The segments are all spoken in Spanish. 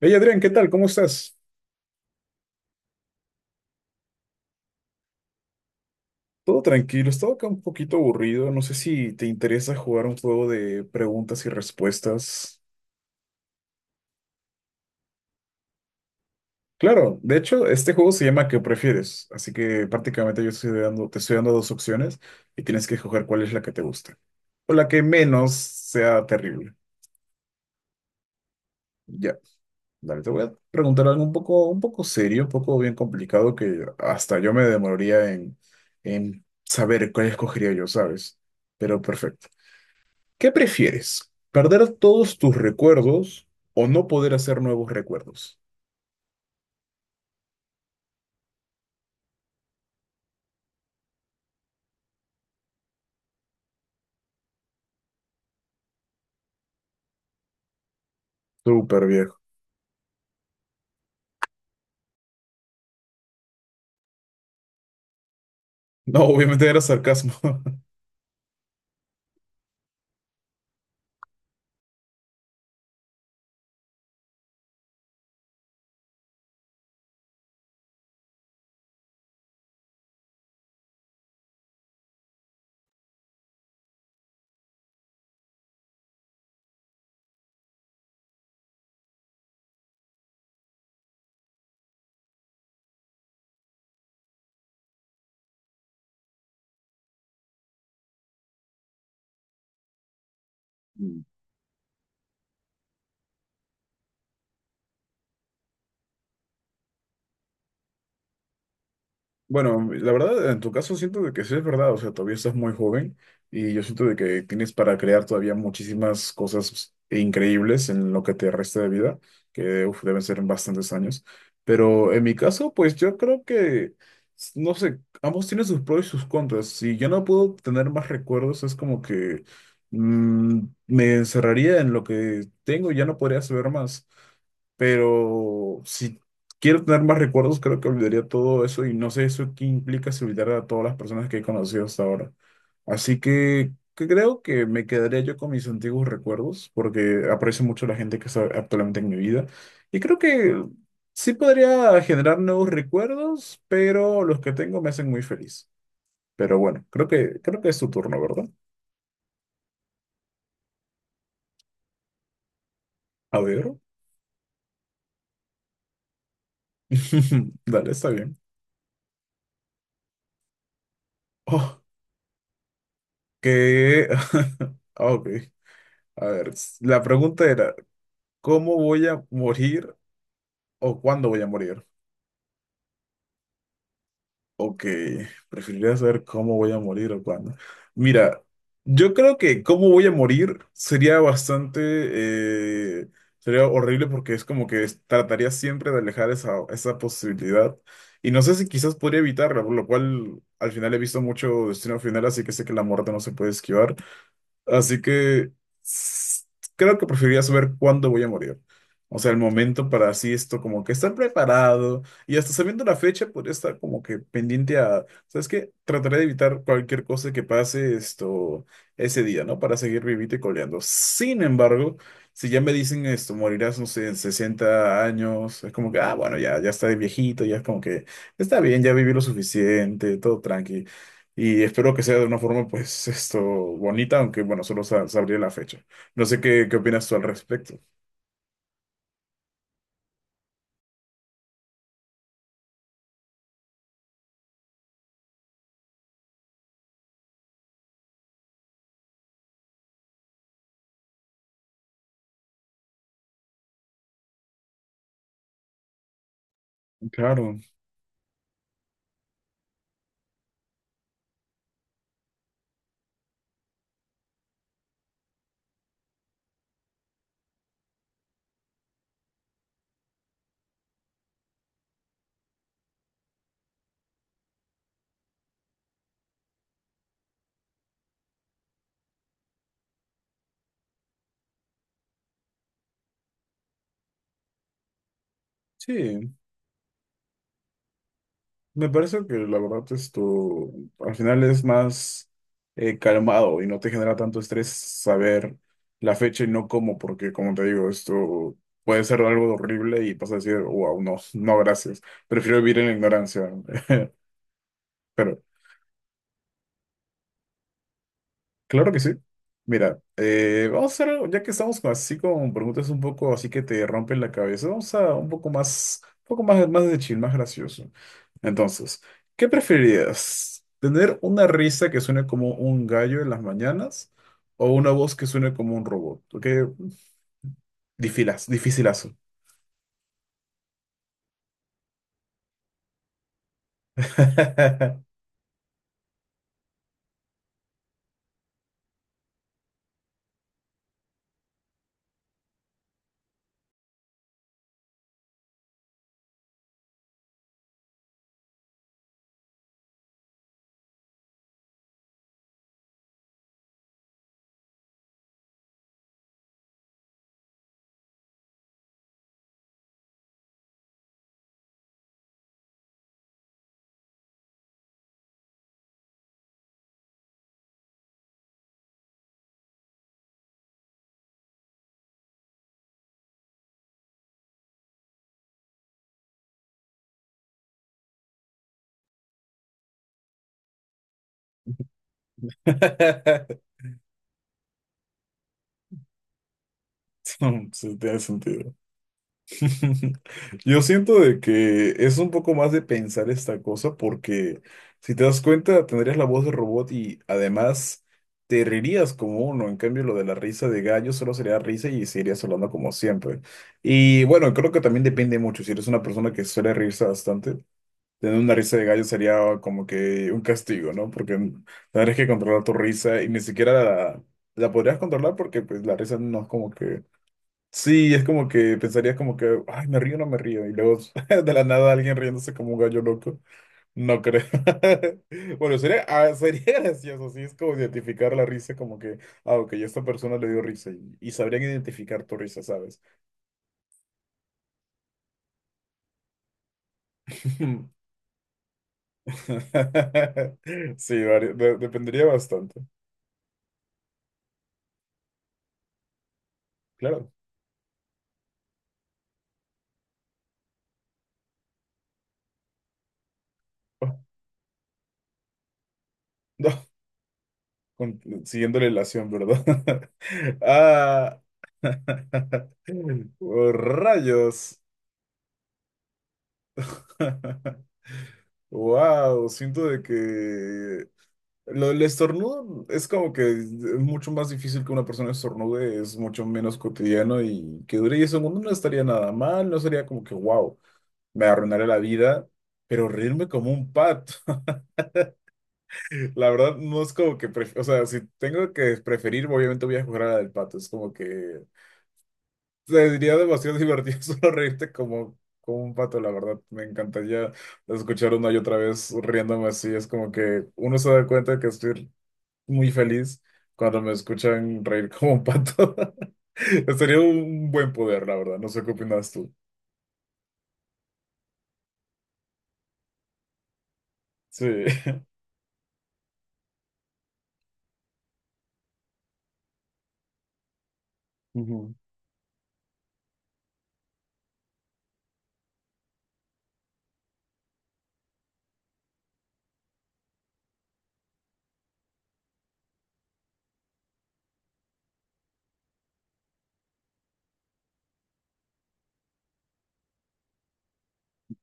Hey Adrián, ¿qué tal? ¿Cómo estás? Todo tranquilo, estaba acá un poquito aburrido. No sé si te interesa jugar un juego de preguntas y respuestas. Claro, de hecho, este juego se llama ¿Qué prefieres? Así que prácticamente yo te estoy dando dos opciones y tienes que escoger cuál es la que te gusta o la que menos sea terrible. Ya, dale, te voy a preguntar algo un poco serio, un poco bien complicado que hasta yo me demoraría en saber cuál escogería yo, ¿sabes? Pero perfecto. ¿Qué prefieres? ¿Perder todos tus recuerdos o no poder hacer nuevos recuerdos? Súper viejo. No, obviamente era sarcasmo. Bueno, la verdad, en tu caso siento de que sí es verdad, o sea, todavía estás muy joven y yo siento de que tienes para crear todavía muchísimas cosas increíbles en lo que te resta de vida, que uf, deben ser bastantes años. Pero en mi caso, pues yo creo que, no sé, ambos tienen sus pros y sus contras. Si yo no puedo tener más recuerdos, es como que mm, me encerraría en lo que tengo y ya no podría saber más. Pero si quiero tener más recuerdos, creo que olvidaría todo eso y no sé eso qué implica si olvidara a todas las personas que he conocido hasta ahora. Así que creo que me quedaría yo con mis antiguos recuerdos porque aprecio mucho la gente que está actualmente en mi vida y creo que sí podría generar nuevos recuerdos, pero los que tengo me hacen muy feliz. Pero bueno, creo que es tu turno, ¿verdad? A ver. Dale, está bien. Oh, que... Ah, Ok. A ver, la pregunta era, ¿Cómo voy a morir o cuándo voy a morir? Ok, preferiría saber cómo voy a morir o cuándo. Mira, yo creo que cómo voy a morir sería bastante, sería horrible porque es como que trataría siempre de alejar esa, esa posibilidad. Y no sé si quizás podría evitarla, por lo cual al final he visto mucho Destino Final, así que sé que la muerte no se puede esquivar. Así que s- creo que preferiría saber cuándo voy a morir. O sea, el momento para así esto, como que estar preparado y hasta sabiendo la fecha, podría estar como que pendiente a, ¿sabes qué? Trataré de evitar cualquier cosa que pase esto ese día, ¿no? Para seguir vivito y coleando. Sin embargo, si ya me dicen esto, morirás, no sé, en 60 años, es como que, ah, bueno, ya, ya está de viejito, ya es como que está bien, ya viví lo suficiente, todo tranqui. Y espero que sea de una forma, pues, esto bonita, aunque bueno, solo sabría la fecha. No sé qué, qué opinas tú al respecto. Claro, sí, me parece que la verdad esto al final es más calmado y no te genera tanto estrés saber la fecha y no cómo, porque como te digo, esto puede ser algo horrible y vas a decir, wow, no, no, gracias, prefiero vivir en la ignorancia. Pero Claro que sí. Mira, vamos a hacer, algo, ya que estamos así con preguntas un poco así que te rompen la cabeza, vamos a un poco más, más de chill, más gracioso. Entonces, ¿qué preferirías? ¿Tener una risa que suene como un gallo en las mañanas o una voz que suene como un robot? ¿Ok? Difilas, dificilazo. Sí, tiene sentido. Yo siento de que es un poco más de pensar esta cosa porque si te das cuenta tendrías la voz de robot y además te reirías como uno. En cambio lo de la risa de gallo solo sería risa y seguirías hablando como siempre. Y bueno, creo que también depende mucho. Si eres una persona que suele reírse bastante, tener una risa de gallo sería como que un castigo, ¿no? Porque tendrías que controlar tu risa y ni siquiera la podrías controlar porque pues la risa no es como que Sí, es como que pensarías como que, ay, me río o no me río. Y luego de la nada alguien riéndose como un gallo loco. No creo. Bueno, sería gracioso, sí, es como identificar la risa como que, ah, ok, a esta persona le dio risa y sabrían identificar tu risa, ¿sabes? Sí, dependería bastante, claro. Oh, No, con- siguiendo la relación, ¿verdad? Ah, oh, rayos. Wow, siento de que el estornudo es como que es mucho más difícil que una persona estornude, es mucho menos cotidiano y que dure 10 segundos no estaría nada mal, no sería como que wow, me arruinaré la vida, pero reírme como un pato, la verdad no es como que, o sea, si tengo que preferir, obviamente voy a jugar a la del pato, es como que Sería demasiado divertido solo reírte como, como un pato, la verdad. Me encantaría escuchar una y otra vez riéndome así. Es como que uno se da cuenta que estoy muy feliz cuando me escuchan reír como un pato. Sería un buen poder, la verdad. No sé qué opinas tú. Sí. Ujú.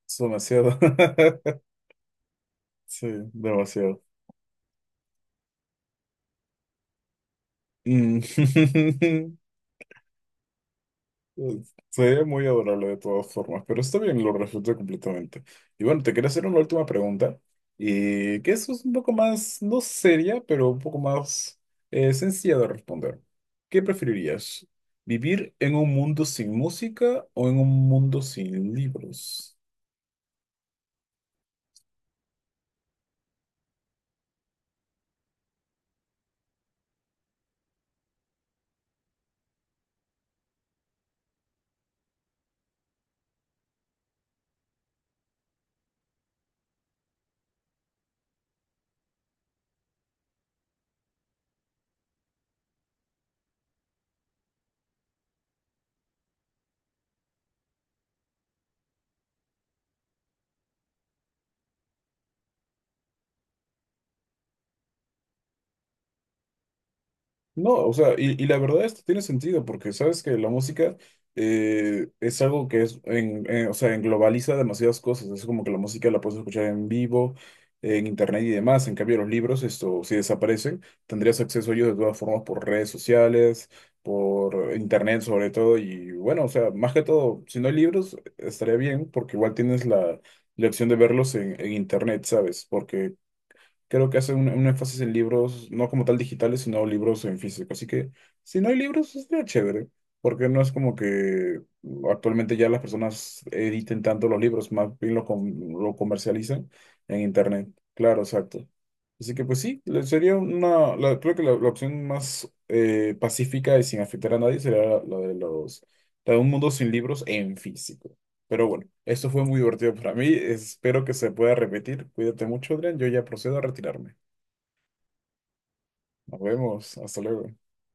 Es demasiado. Sí, demasiado. Mm. Sería muy adorable de todas formas, pero está bien, lo respeto completamente. Y bueno, te quería hacer una última pregunta, y que eso es un poco más, no seria, pero un poco más sencilla de responder. ¿Qué preferirías? ¿Vivir en un mundo sin música o en un mundo sin libros? No, o sea, y la verdad esto tiene sentido porque sabes que la música es algo que o sea, englobaliza demasiadas cosas. Es como que la música la puedes escuchar en vivo, en internet y demás. En cambio, los libros, esto, si desaparecen, tendrías acceso a ellos de todas formas por redes sociales, por internet sobre todo. Y bueno, o sea, más que todo, si no hay libros, estaría bien porque igual tienes la, la opción de verlos en internet, ¿sabes? Porque Creo que hace un énfasis en libros, no como tal digitales, sino libros en físico. Así que si no hay libros, estaría chévere, porque no es como que actualmente ya las personas editen tanto los libros, más bien lo comercializan en internet. Claro, exacto. Así que pues sí, sería una, creo que la opción más pacífica y sin afectar a nadie sería la la de un mundo sin libros en físico. Pero bueno, esto fue muy divertido para mí. Espero que se pueda repetir. Cuídate mucho, Adrián. Yo ya procedo a retirarme. Nos vemos. Hasta luego.